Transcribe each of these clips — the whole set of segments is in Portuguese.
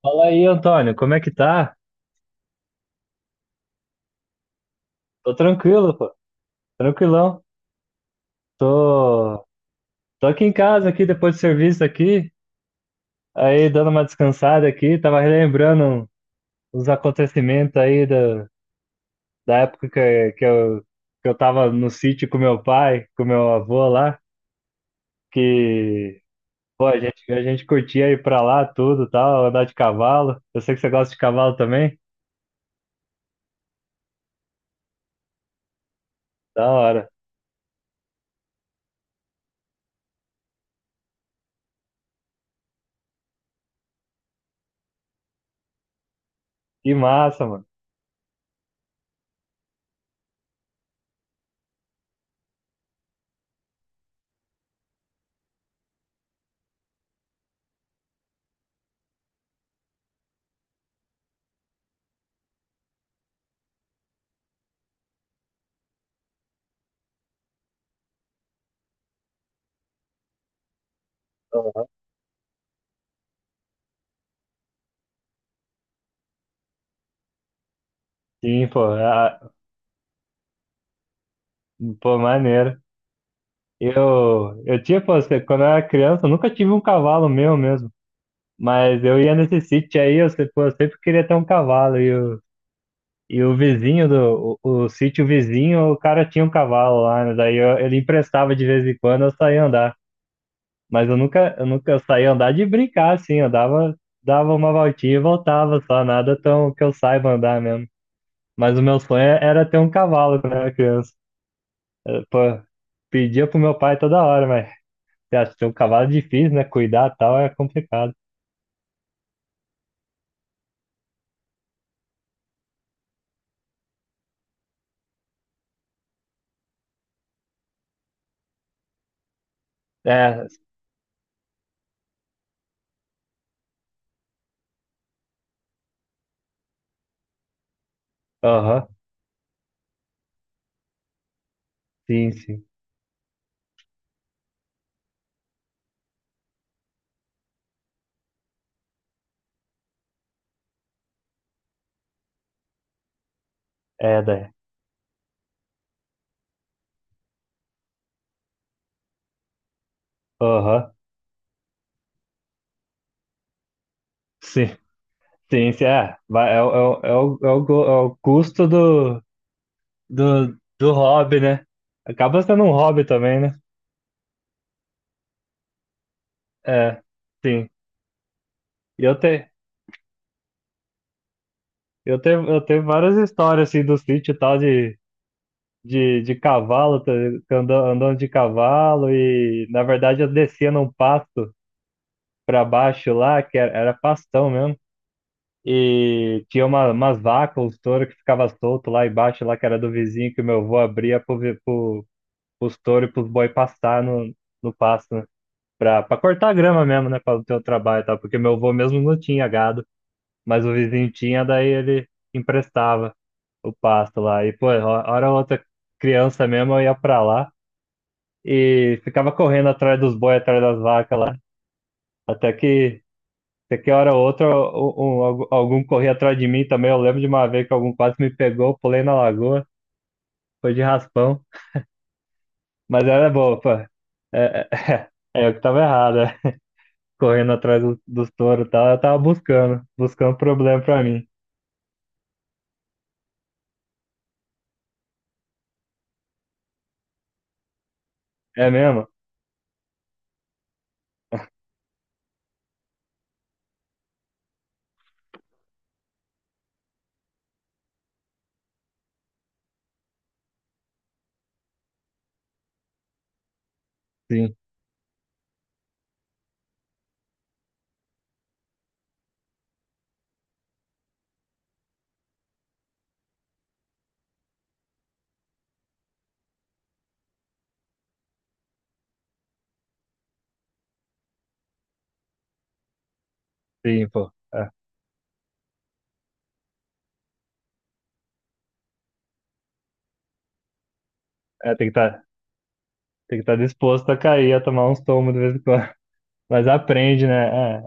Fala aí, Antônio, como é que tá? Tô tranquilo, pô, tranquilão. Tô, tô aqui em casa, aqui depois do serviço aqui, aí dando uma descansada aqui, tava relembrando os acontecimentos aí da época que eu tava no sítio com meu pai, com meu avô lá, que, pô, a gente curtia ir pra lá tudo, tal, andar de cavalo. Eu sei que você gosta de cavalo também, da hora. Que massa, mano. Sim, pô, ah, pô, maneiro. Eu tinha, pô, quando eu era criança, eu nunca tive um cavalo meu mesmo. Mas eu ia nesse sítio aí, eu, se- pô, eu sempre queria ter um cavalo. E o vizinho do o sítio vizinho, o cara tinha um cavalo lá, né? Ele emprestava de vez em quando, eu saía andar. Eu nunca saía andar de brincar, assim, dava uma voltinha e voltava só, nada tão que eu saiba andar mesmo. Mas o meu sonho era ter um cavalo quando eu era criança. Pô, pedia pro meu pai toda hora, mas. Você acha que é um cavalo é difícil, né? Cuidar e tal é complicado. É, aham, sim, sim. É, daí. Aham, sim, sim, sim. É, vai, é, o- é, o- é, o, é, o, go- é o custo do do hobby, né? Acaba sendo um hobby também, né? É, sim. E eu tenho várias histórias, assim, do sítio e tal de cavalo, tá ligado? Andando, andando de cavalo e, na verdade, eu descia num pasto pra baixo lá, que era pastão mesmo. E tinha umas vacas, uns touros que ficava solto lá embaixo, lá que era do vizinho, que o meu avô abria pro, pros touros e pros boi pastar no pasto, né? Pra cortar a grama mesmo, né? Pra não ter o trabalho e tal, porque meu avô mesmo não tinha gado, mas o vizinho tinha, daí ele emprestava o pasto lá. E, pô, hora ou outra criança mesmo, eu ia pra lá e ficava correndo atrás dos boi, atrás das vacas lá, até que. Você que hora ou outra algum corria atrás de mim também. Eu lembro de uma vez que algum quase me pegou, eu pulei na lagoa, foi de raspão. Mas era boa, pô. É, é eu que tava errado, é. Correndo atrás dos touros e tal, eu tava buscando, buscando problema pra mim. É mesmo? Sim, sim, pô. É, é, tem que tá, tem que estar disposto a cair, a tomar uns tomos de vez em quando. Mas aprende, né? É,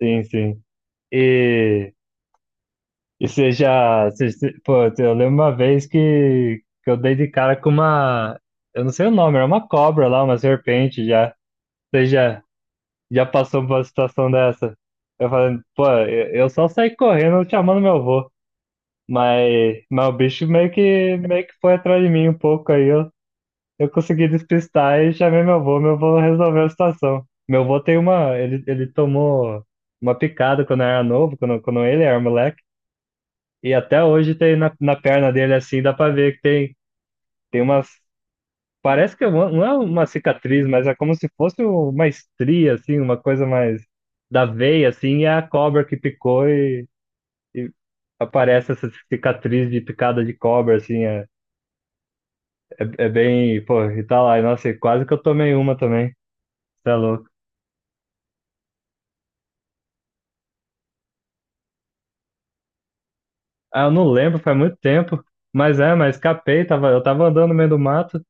sim, sim. E. E você já. Pô, eu lembro uma vez que eu dei de cara com uma. Eu não sei o nome, era uma cobra lá, uma serpente já. Você já, já passou por uma situação dessa? Eu falando, pô, eu só saí correndo chamando meu avô. Mas o bicho meio que foi atrás de mim um pouco aí. Eu consegui despistar e chamei meu avô. Meu avô resolveu a situação. Meu avô tem uma. Ele tomou uma picada quando era novo, quando ele era moleque. E até hoje tem na perna dele assim, dá pra ver que tem, tem umas. Parece que é uma- não é uma cicatriz, mas é como se fosse uma estria, assim, uma coisa mais da veia, assim, e é a cobra que picou e aparece essa cicatriz de picada de cobra, assim, é bem. Pô, e tá lá, e, nossa, e quase que eu tomei uma também, tá louco. Ah, eu não lembro, faz muito tempo, mas é, mas escapei, tava, eu tava andando no meio do mato,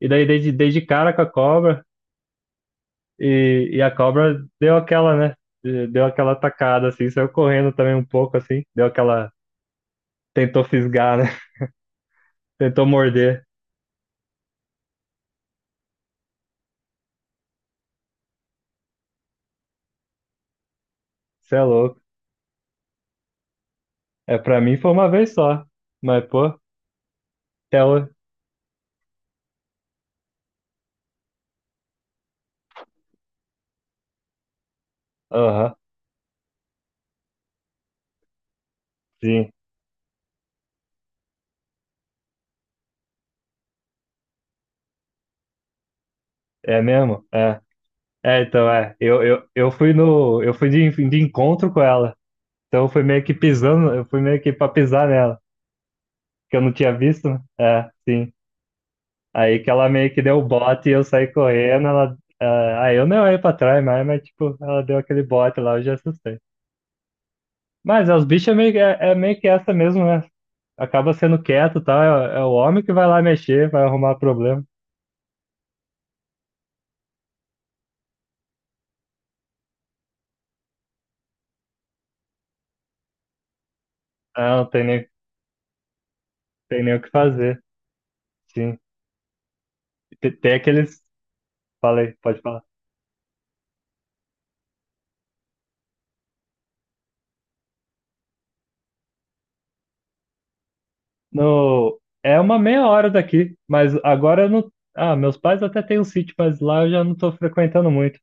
e daí dei de cara com a cobra. E a cobra deu aquela, né? Deu aquela atacada, assim, saiu correndo também um pouco, assim, deu aquela. Tentou fisgar, né? Tentou morder. Você é louco. É, pra mim foi uma vez só. Mas, pô, até hoje. Aham, sim. É mesmo? É. É, então, é. Eu fui no. Eu fui de encontro com ela. Então eu fui meio que pisando, eu fui meio que pra pisar nela. Que eu não tinha visto, né? É, sim. Aí que ela meio que deu o bote e eu saí correndo, ela. Ah, aí eu nem olhei pra trás mais, mas tipo, ela deu aquele bote lá, eu já assustei. Mas é, os bichos é meio, que- é, é meio que essa mesmo, né? Acaba sendo quieto e tal, é, é o homem que vai lá mexer, vai arrumar problema. Ah, tem nem o que fazer, sim. Tem aqueles. Falei, pode falar. No, é uma meia hora daqui, mas agora eu não. Ah, meus pais até têm um sítio, mas lá eu já não estou frequentando muito.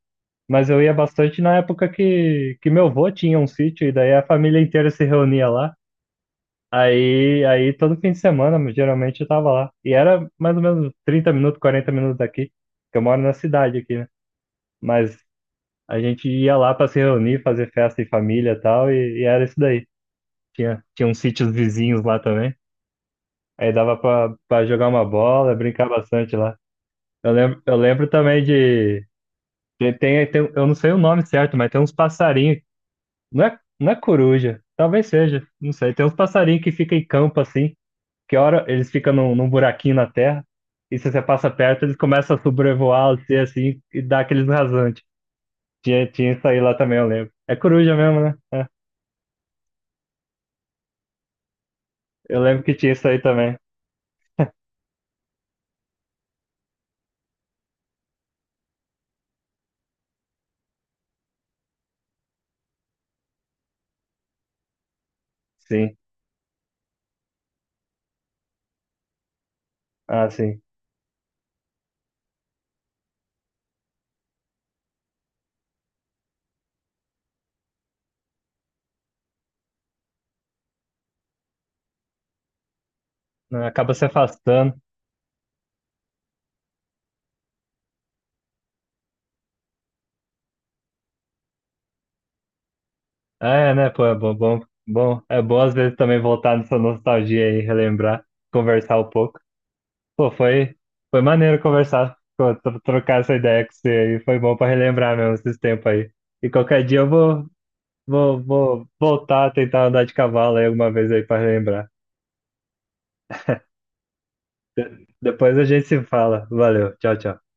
Mas eu ia bastante na época que meu avô tinha um sítio, e daí a família inteira se reunia lá. Aí todo fim de semana, geralmente, eu tava lá. E era mais ou menos 30 minutos, 40 minutos daqui, que eu moro na cidade aqui, né? Mas a gente ia lá para se reunir, fazer festa em família e tal, e era isso daí. Tinha uns sítios vizinhos lá também. Aí dava pra, pra jogar uma bola, brincar bastante lá. Eu lembro também de. Tem, tem, eu não sei o nome certo, mas tem uns passarinhos. Não é coruja, talvez seja, não sei. Tem uns passarinhos que ficam em campo assim, que hora eles ficam num buraquinho na terra, e se você passa perto, eles começam a sobrevoar você assim e dá aqueles rasantes. Tinha isso aí lá também, eu lembro. É coruja mesmo, né? É. Eu lembro que tinha isso aí também. Sim. Ah, sim. Acaba se afastando. Ah, é, né, pô, é bom, bom, bom. É bom às vezes também voltar nessa nostalgia aí, relembrar, conversar um pouco. Pô, foi maneiro conversar, pô, trocar essa ideia com você aí. Foi bom pra relembrar mesmo esses tempos aí. E qualquer dia eu vou voltar a tentar andar de cavalo aí alguma vez aí pra relembrar. Depois a gente se fala. Valeu, tchau, tchau.